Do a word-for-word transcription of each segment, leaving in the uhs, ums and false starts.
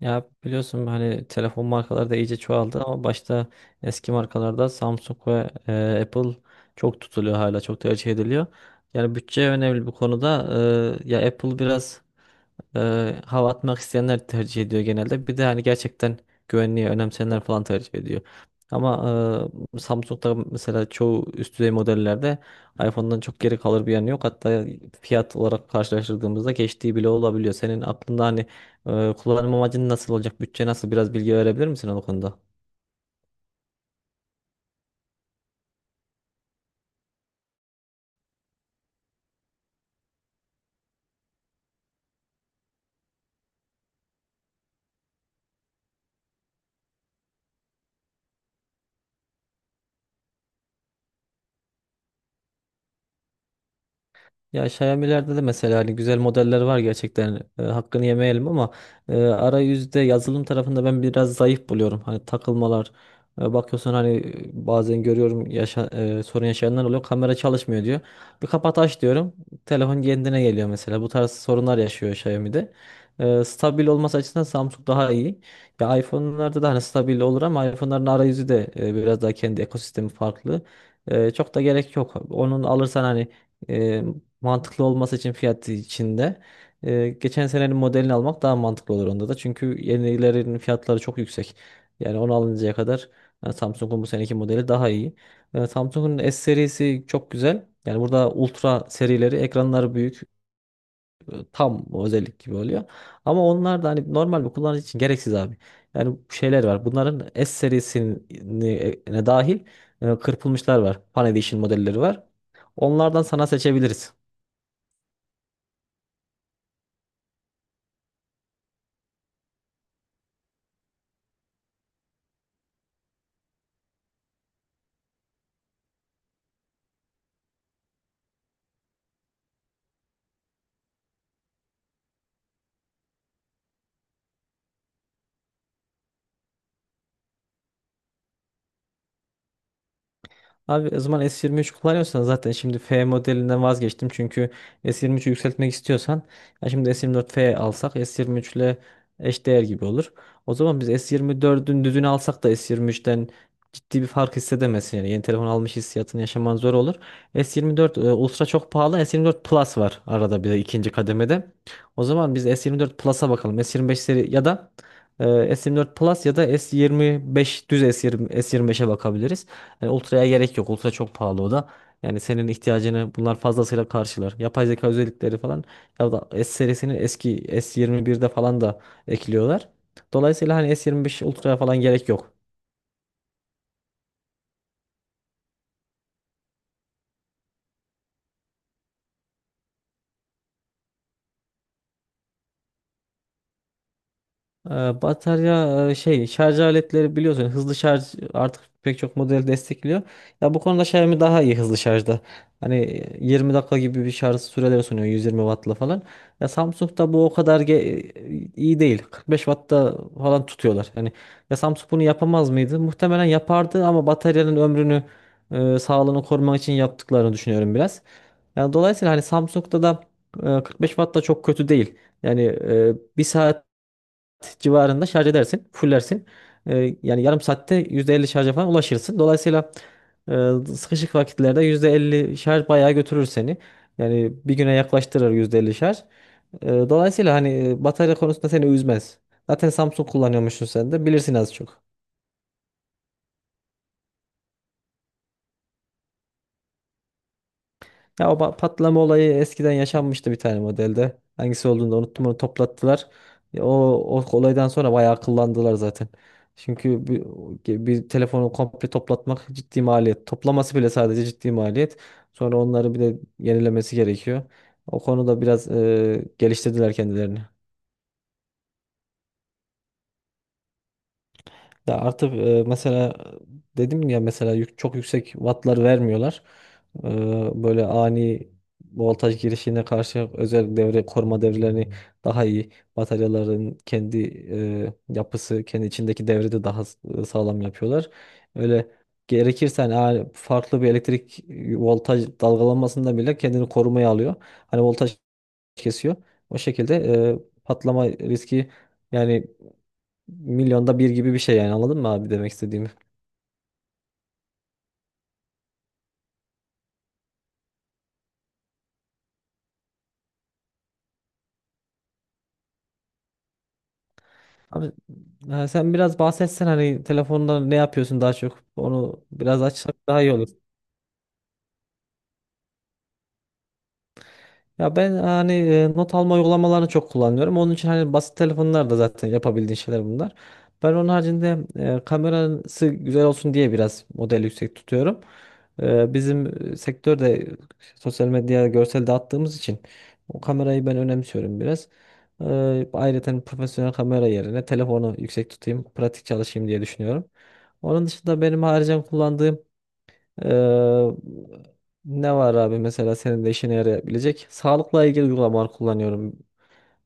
Ya biliyorsun hani telefon markaları da iyice çoğaldı ama başta eski markalarda Samsung ve e, Apple çok tutuluyor hala çok tercih ediliyor. Yani bütçe önemli bu konuda. E, ya Apple biraz ee, hava atmak isteyenler tercih ediyor genelde. Bir de hani gerçekten güvenliği önemseyenler falan tercih ediyor. Ama e, Samsung'da mesela çoğu üst düzey modellerde iPhone'dan çok geri kalır bir yanı yok. Hatta fiyat olarak karşılaştırdığımızda geçtiği bile olabiliyor. Senin aklında hani e, kullanım amacın nasıl olacak, bütçe nasıl biraz bilgi verebilir misin o konuda? Ya Xiaomi'lerde de mesela hani güzel modeller var gerçekten e, hakkını yemeyelim ama e, arayüzde yazılım tarafında ben biraz zayıf buluyorum. Hani takılmalar e, bakıyorsun hani e, bazen görüyorum yaşa, e, sorun yaşayanlar oluyor, kamera çalışmıyor diyor. Bir kapat aç diyorum telefon kendine geliyor, mesela bu tarz sorunlar yaşıyor Xiaomi'de. E, stabil olması açısından Samsung daha iyi. Ya iPhone'larda da hani stabil olur ama iPhone'ların arayüzü de e, biraz daha kendi ekosistemi farklı. E, çok da gerek yok. Onun alırsan hani e, mantıklı olması için fiyat içinde e, geçen senenin modelini almak daha mantıklı olur onda da. Çünkü yenilerin fiyatları çok yüksek. Yani onu alıncaya kadar e, Samsung'un bu seneki modeli daha iyi. E, Samsung'un S serisi çok güzel. Yani burada ultra serileri ekranları büyük, e, tam o özellik gibi oluyor. Ama onlar da hani normal bir kullanıcı için gereksiz abi. Yani şeyler var. Bunların S serisine dahil e, kırpılmışlar var. Fan Edition modelleri var. Onlardan sana seçebiliriz. Abi o zaman S yirmi üç kullanıyorsan zaten şimdi F modelinden vazgeçtim. Çünkü S yirmi üçü yükseltmek istiyorsan, ya şimdi S yirmi dört F alsak S yirmi üç ile eşdeğer gibi olur. O zaman biz S yirmi dördün düzünü alsak da S yirmi üçten ciddi bir fark hissedemezsin. Yani yeni telefon almış hissiyatını yaşaman zor olur. S yirmi dört e, Ultra çok pahalı. S yirmi dört Plus var arada, bir de ikinci kademede. O zaman biz S yirmi dört Plus'a bakalım. S yirmi beş seri ya da e, S yirmi dört Plus ya da S yirmi beş düz S yirmi, S yirmi beşe bakabiliriz. Yani Ultra'ya gerek yok. Ultra çok pahalı o da. Yani senin ihtiyacını bunlar fazlasıyla karşılar. Yapay zeka özellikleri falan ya da S serisinin eski S yirmi birde falan da ekliyorlar. Dolayısıyla hani S yirmi beş Ultra'ya falan gerek yok. Ee, Batarya, e, şey şarj aletleri, biliyorsun hızlı şarj artık pek çok model destekliyor. Ya bu konuda Xiaomi daha iyi hızlı şarjda. Hani e, 20 dakika gibi bir şarj süreleri sunuyor, yüz yirmi wattla falan. Ya Samsung'da bu o kadar ge- e, iyi değil. kırk beş wattta falan tutuyorlar. Yani ya Samsung bunu yapamaz mıydı? Muhtemelen yapardı ama bataryanın ömrünü, e, sağlığını korumak için yaptıklarını düşünüyorum biraz. Yani dolayısıyla hani Samsung'da da e, kırk beş watt da çok kötü değil. Yani e, bir saat civarında şarj edersin, fullersin. Ee, yani yarım saatte yüzde elli şarja falan ulaşırsın. Dolayısıyla e, sıkışık vakitlerde yüzde elli şarj bayağı götürür seni. Yani bir güne yaklaştırır yüzde elli şarj. Ee, dolayısıyla hani e, batarya konusunda seni üzmez. Zaten Samsung kullanıyormuşsun, sen de bilirsin az çok. Ya o ba- patlama olayı eskiden yaşanmıştı bir tane modelde. Hangisi olduğunu da unuttum, onu toplattılar. Ya O, o olaydan sonra bayağı akıllandılar zaten. Çünkü bir, bir telefonu komple toplatmak ciddi maliyet. Toplaması bile sadece ciddi maliyet. Sonra onları bir de yenilemesi gerekiyor. O konuda biraz e, geliştirdiler kendilerini. Ya artık e, mesela, dedim ya mesela yük- çok yüksek wattlar vermiyorlar. E, Böyle ani voltaj girişine karşı özel devre, koruma devrelerini daha iyi, bataryaların kendi e, yapısı, kendi içindeki devri de daha s- e, sağlam yapıyorlar. Öyle gerekirse hani ani- farklı bir elektrik e, voltaj dalgalanmasında bile kendini korumaya alıyor. Hani voltaj kesiyor. O şekilde e, patlama riski yani milyonda bir gibi bir şey. Yani anladın mı abi demek istediğimi? Abi ha, sen biraz bahsetsen hani telefonda ne yapıyorsun, daha çok onu biraz açsak daha iyi olur. Ya ben hani e, not alma uygulamalarını çok kullanıyorum. Onun için hani basit telefonlarda zaten yapabildiğin şeyler bunlar. Ben onun haricinde e, kamerası güzel olsun diye biraz model yüksek tutuyorum. E, bizim e, sektörde sosyal medyaya görsel dağıttığımız için o kamerayı ben önemsiyorum biraz. E, Ayrıca hani profesyonel kamera yerine telefonu yüksek tutayım, pratik çalışayım diye düşünüyorum. Onun dışında benim haricen kullandığım ee, ne var abi, mesela senin de işine yarayabilecek? Sağlıkla ilgili uygulamalar kullanıyorum.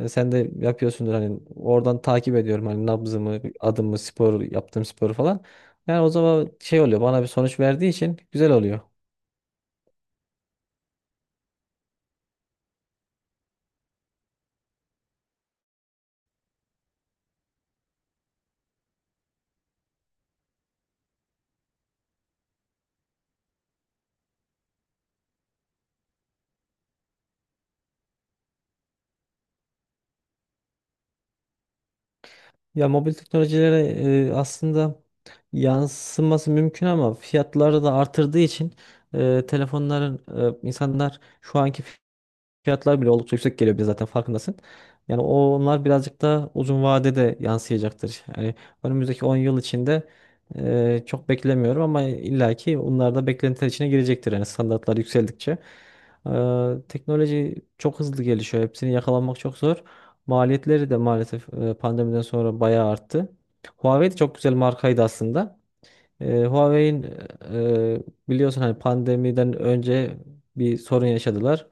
E, Sen de yapıyorsundur hani, oradan takip ediyorum hani nabzımı, adımı, spor yaptığım sporu falan. Yani o zaman şey oluyor, bana bir sonuç verdiği için güzel oluyor. Ya mobil teknolojilere e, aslında yansıması mümkün ama fiyatları da artırdığı için e, telefonların, e, insanlar şu anki fiyatlar bile oldukça yüksek geliyor bize, zaten farkındasın. Yani onlar birazcık da uzun vadede de yansıyacaktır. Yani önümüzdeki on yıl içinde e, çok beklemiyorum ama illaki onlar da beklentiler içine girecektir. Yani standartlar yükseldikçe. E, teknoloji çok hızlı gelişiyor. Hepsini yakalamak çok zor. Maliyetleri de maalesef e, pandemiden sonra bayağı arttı. Huawei de çok güzel markaydı aslında. Ee, Huawei'in, e, biliyorsun hani pandemiden önce bir sorun yaşadılar.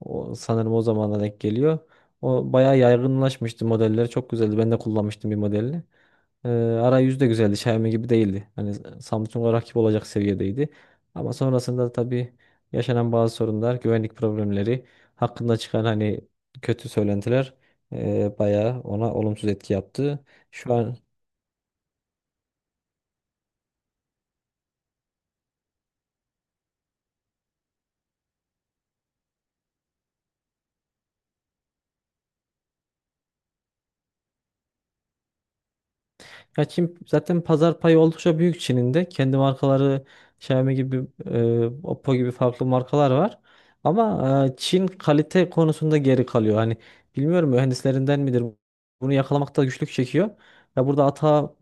O, sanırım o zamana denk geliyor. O bayağı yaygınlaşmıştı, modelleri çok güzeldi. Ben de kullanmıştım bir modelini. Ee, arayüzü de güzeldi. Xiaomi gibi değildi. Hani Samsung'a rakip olacak seviyedeydi. Ama sonrasında tabii yaşanan bazı sorunlar, güvenlik problemleri, hakkında çıkan hani kötü söylentiler e, bayağı ona olumsuz etki yaptı. Şu an. Ya Çin zaten pazar payı oldukça büyük Çin'in de. Kendi markaları Xiaomi gibi, e, Oppo gibi farklı markalar var. Ama e, Çin kalite konusunda geri kalıyor. Hani bilmiyorum mühendislerinden midir, bunu yakalamakta güçlük çekiyor. Ya burada ata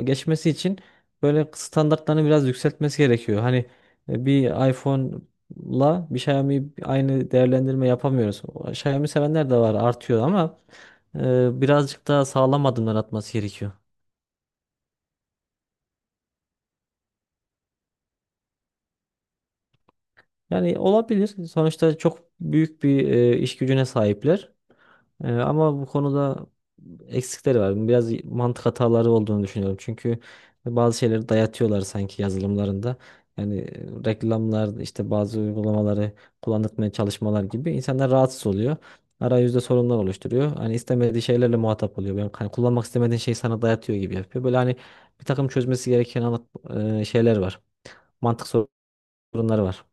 e, geçmesi için böyle standartlarını biraz yükseltmesi gerekiyor. Hani e, bir iPhone'la bir Xiaomi aynı değerlendirme yapamıyoruz. O Xiaomi sevenler de var, artıyor ama e, birazcık daha sağlam adımlar atması gerekiyor. Yani olabilir. Sonuçta çok büyük bir e, iş gücüne sahipler. E, ama bu konuda eksikleri var. Biraz mantık hataları olduğunu düşünüyorum. Çünkü bazı şeyleri dayatıyorlar sanki yazılımlarında. Yani e, reklamlar, işte bazı uygulamaları kullandırmaya çalışmalar gibi, insanlar rahatsız oluyor. Arayüzde sorunlar oluşturuyor. Hani istemediği şeylerle muhatap oluyor. Yani hani kullanmak istemediğin şeyi sana dayatıyor gibi yapıyor. Böyle hani bir takım çözmesi gereken anlat- e, şeyler var. Mantık sorunları var.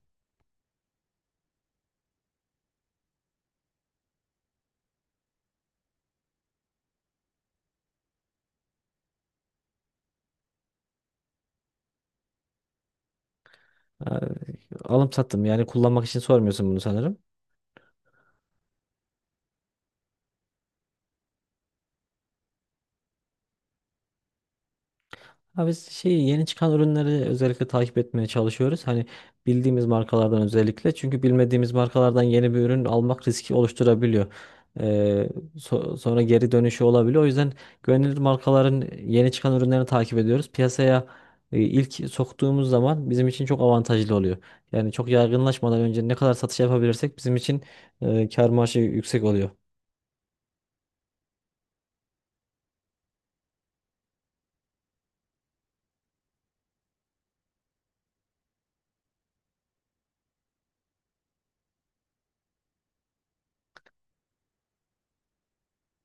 Ha, alım sattım, yani kullanmak için sormuyorsun bunu sanırım. Ha biz şey, yeni çıkan ürünleri özellikle takip etmeye çalışıyoruz. Hani bildiğimiz markalardan özellikle, çünkü bilmediğimiz markalardan yeni bir ürün almak riski oluşturabiliyor. Ee, so- Sonra geri dönüşü olabiliyor. O yüzden güvenilir markaların yeni çıkan ürünlerini takip ediyoruz. Piyasaya e, ilk soktuğumuz zaman bizim için çok avantajlı oluyor. Yani çok yaygınlaşmadan önce ne kadar satış yapabilirsek bizim için e, kar marjı yüksek oluyor.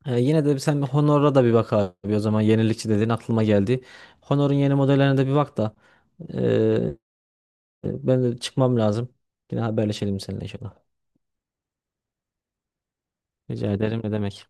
Ee, yine de sen bir Honor'a da bir bak abi, o zaman yenilikçi dediğin aklıma geldi. Honor'un yeni modellerine de bir bak da ee, ben de çıkmam lazım. Yine haberleşelim seninle inşallah. Rica ederim, ne demek.